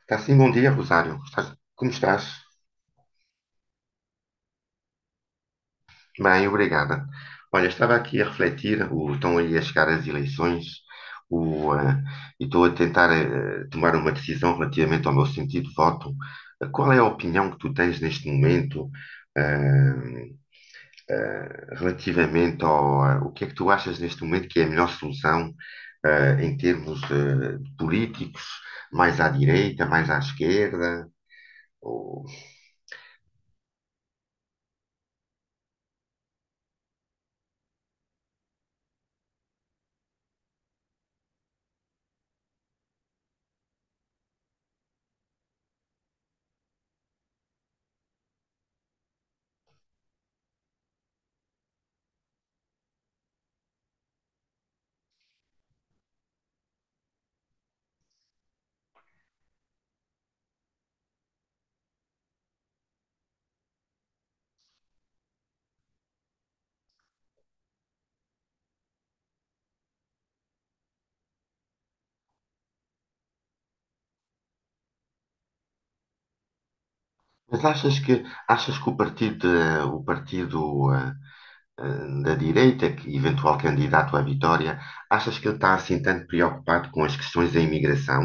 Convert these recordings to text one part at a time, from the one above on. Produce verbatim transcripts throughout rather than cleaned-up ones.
Está sim, bom dia, Rosário. Estás- Como estás? Bem, obrigada. Olha, estava aqui a refletir, o- estão aí a chegar as eleições, o, eh, e estou a tentar eh, tomar uma decisão relativamente ao meu sentido de voto. Qual é a opinião que tu tens neste momento, eh, eh, relativamente ao, eh, o que é que tu achas neste momento que é a melhor solução, eh, em termos, eh, políticos, mais à direita, mais à esquerda? Ou- Mas achas que, achas que o partido, eh, o partido eh, eh, da direita, que eventual candidato à vitória, achas que ele está assim tanto preocupado com as questões da imigração?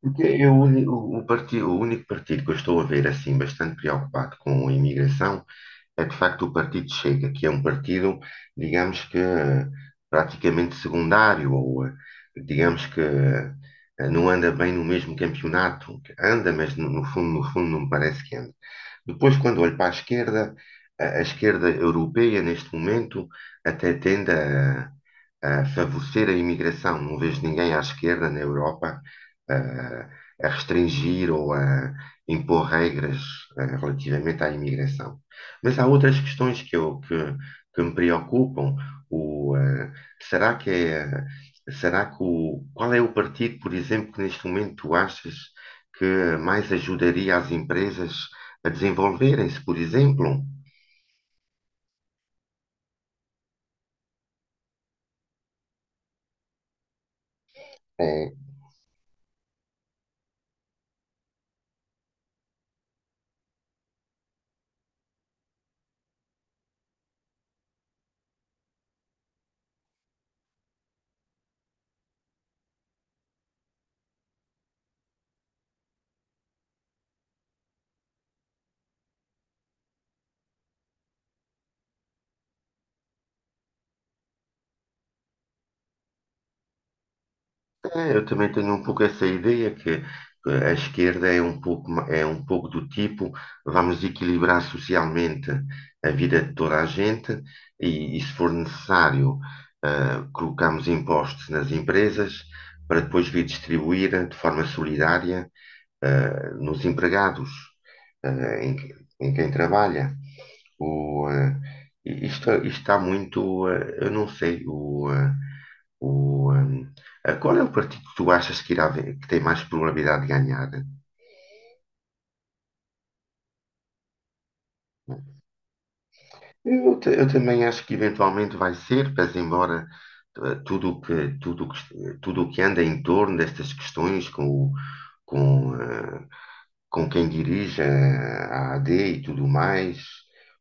Porque eu, o, uni- o, partido, o único partido que eu estou a ver assim bastante preocupado com a imigração é de facto o Partido Chega, que é um partido, digamos que eh, praticamente secundário, ou eh, digamos que eh, não anda bem no mesmo campeonato, que anda, mas no, no fundo, no fundo não me parece que anda. Depois, quando olho para a esquerda, a, a esquerda europeia neste momento até tende a a favorecer a imigração. Não vejo ninguém à esquerda na Europa eh, a restringir ou a impor regras eh, relativamente à imigração. Mas há outras questões que, eu, que, que me preocupam. O, eh, será que é, será que o, qual é o partido, por exemplo, que neste momento tu achas que mais ajudaria as empresas a desenvolverem-se, por exemplo? Eh, É, eu também tenho um pouco essa ideia que eh, a esquerda é um pouco, ma- é um pouco do tipo, vamos equilibrar socialmente a vida de toda a gente e, e se for necessário, eh, colocamos impostos nas empresas para depois redistribuir de forma solidária eh, nos empregados, eh, em, em quem trabalha. O, eh, isto, isto está muito, eh, eu não sei, o, eh, o, eh, qual é o partido que tu achas que, irá, que tem mais probabilidade de ganhar? Eu, eu também acho que eventualmente vai ser, mas embora eh, tudo o que, tudo que, tudo o que anda em torno destas questões com o, com, eh, com quem dirige eh, a a AD e tudo mais.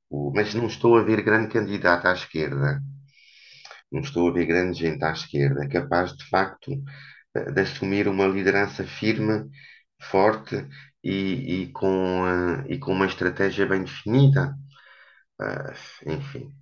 O- Mas não estou a ver grande candidato à esquerda, não estou a ver grande gente à esquerda capaz de facto eh, de assumir uma liderança firme, forte e, e com, eh, e com uma estratégia bem definida. Ah, enfim,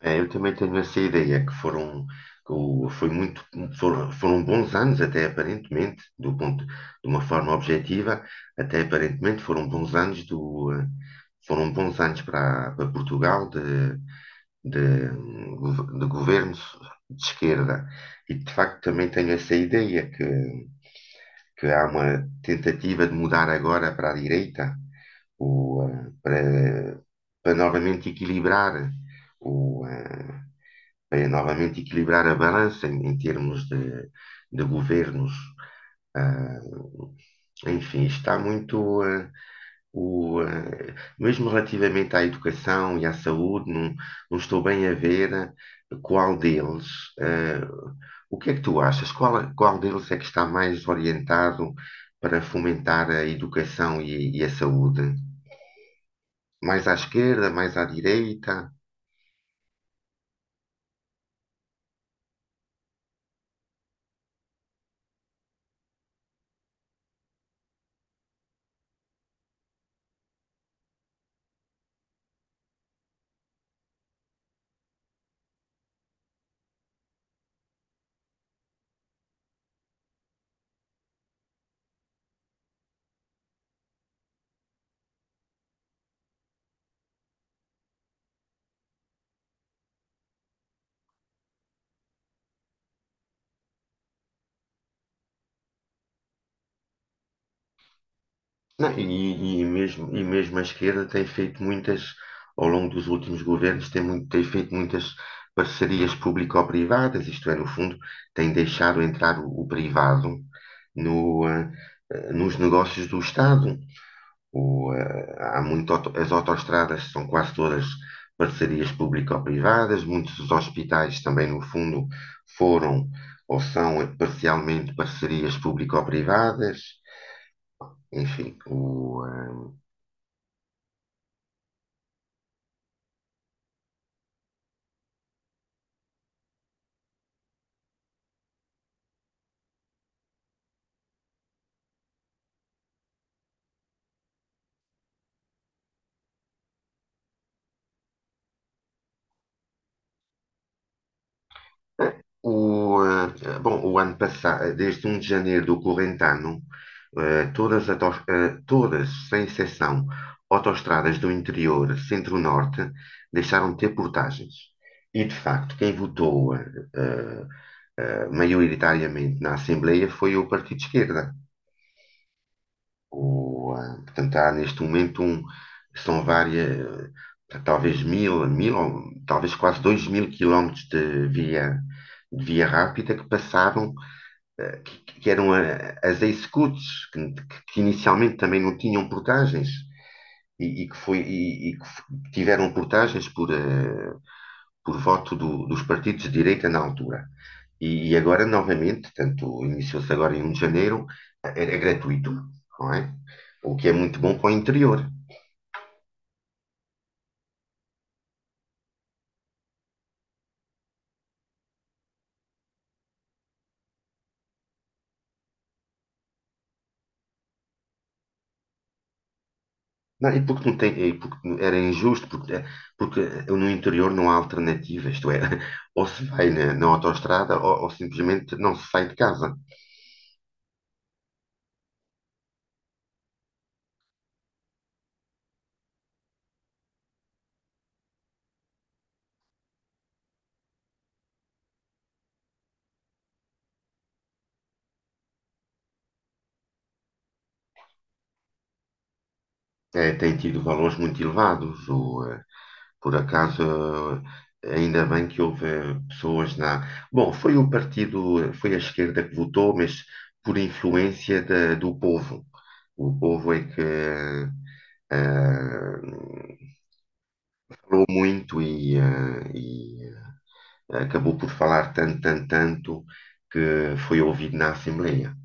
É, eu também tenho essa ideia que foram, que o- foi muito, foram, foram bons anos até aparentemente, do ponto, de uma forma objetiva, até aparentemente foram bons anos do, eh, foram bons anos para, para Portugal de, de, de governos de esquerda. E de facto também tenho essa ideia que, que há uma tentativa de mudar agora para a direita, o, eh, para, para novamente equilibrar o, eh, para novamente equilibrar a balança em, em termos de, de governos. Ah, enfim, está muito ah, o, ah, mesmo relativamente à educação e à saúde, não, não estou bem a ver ah, qual deles, ah, o que é que tu achas? Qual, qual deles é que está mais orientado para fomentar a educação e, e a saúde? Mais à esquerda, mais à direita? Não, e, e mesmo, e mesmo a esquerda tem feito muitas, ao longo dos últimos governos, tem, muito, tem feito muitas parcerias público-privadas, isto é, no fundo, tem deixado entrar o, o privado no, ah, ah, nos negócios do Estado. O, ah, há muito, auto- as autoestradas são quase todas parcerias público-privadas, muitos dos hospitais também, no fundo, foram ou são parcialmente parcerias público-privadas. Enfim, o, ah, O, eh, bom, o ano passado, desde um de janeiro do corrente ano, eh, todas, as autos- eh, todas, sem exceção, autoestradas do interior, centro-norte, deixaram de ter portagens. E, de facto, quem votou eh, eh, eh, maioritariamente na Assembleia foi o Partido de Esquerda. Ou, ah, portanto, há neste momento um, são várias, ah, talvez mil, mil, ou talvez quase dois mil quilómetros de via, de via rápida que passavam, ah, que, que eram ah, as ex-scouts, que, que inicialmente também não tinham portagens e, e que foi, e, e que tiveram portagens por, ah, por voto do- dos partidos de direita na altura. E, e agora, novamente, tanto iniciou-se agora em um de janeiro, é, é é gratuito, não é? O que é muito bom para o interior. Não, e porque não tem, e porque era injusto, porque, eh, porque no interior não há alternativa, isto é, ou se vai na, na autoestrada ou, ou simplesmente não se sai de casa. Eh, tem tido valores muito elevados. O, eh, Por acaso, ainda bem que houve pessoas na. Bom, foi o partido, foi a esquerda que votou, mas por influência da- do povo. O povo é que ah, falou muito e, ah, e, ah, acabou por falar tanto, tanto, tanto que foi ouvido na Assembleia.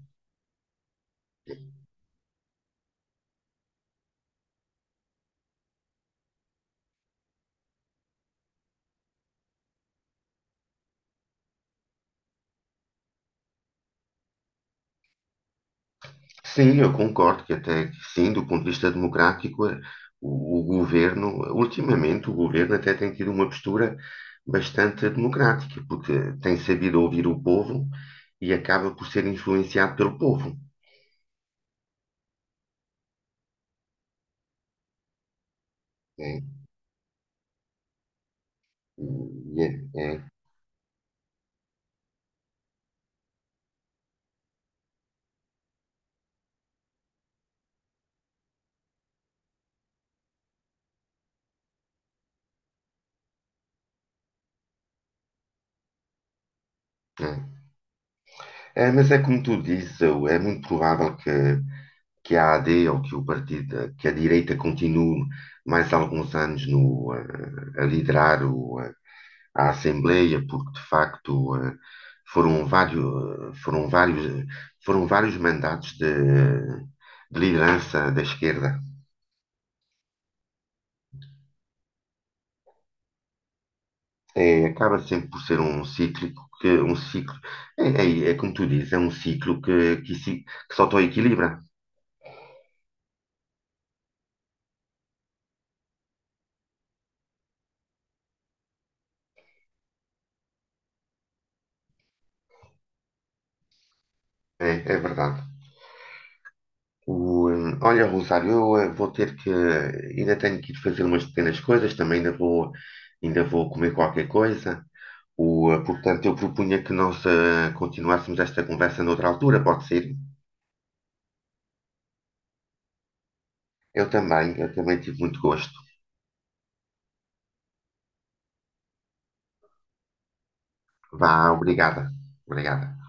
Sim, eu concordo que até que sim, do ponto de vista democrático, eh, o, o governo, ultimamente o governo até tem tido uma postura bastante democrática, porque tem sabido ouvir o povo e acaba por ser influenciado pelo povo. Né? e é- é- é. Né? É, mas é como tu dizes, eu- é muito provável que, que a AD ou que o partido, que a direita continue mais alguns anos no, eh, a liderar o, à Assembleia, porque de facto eh, foram vários, foram vários, foram vários mandatos de, de liderança da esquerda. É, acaba sempre por ser um cíclico que um ciclo é, é- é como tu dizes, é um ciclo que, que, se- que se autoequilibra. É, é verdade. O, eh, olha, Rosário, eu eh, vou ter que ainda tenho que ir fazer umas pequenas coisas, também ainda vou ainda vou comer qualquer coisa. O, eh, portanto, eu propunha que nós eh, continuássemos esta conversa noutra altura, pode ser? Eu também, eu também tive muito gosto. Vá, obrigada. Obrigada.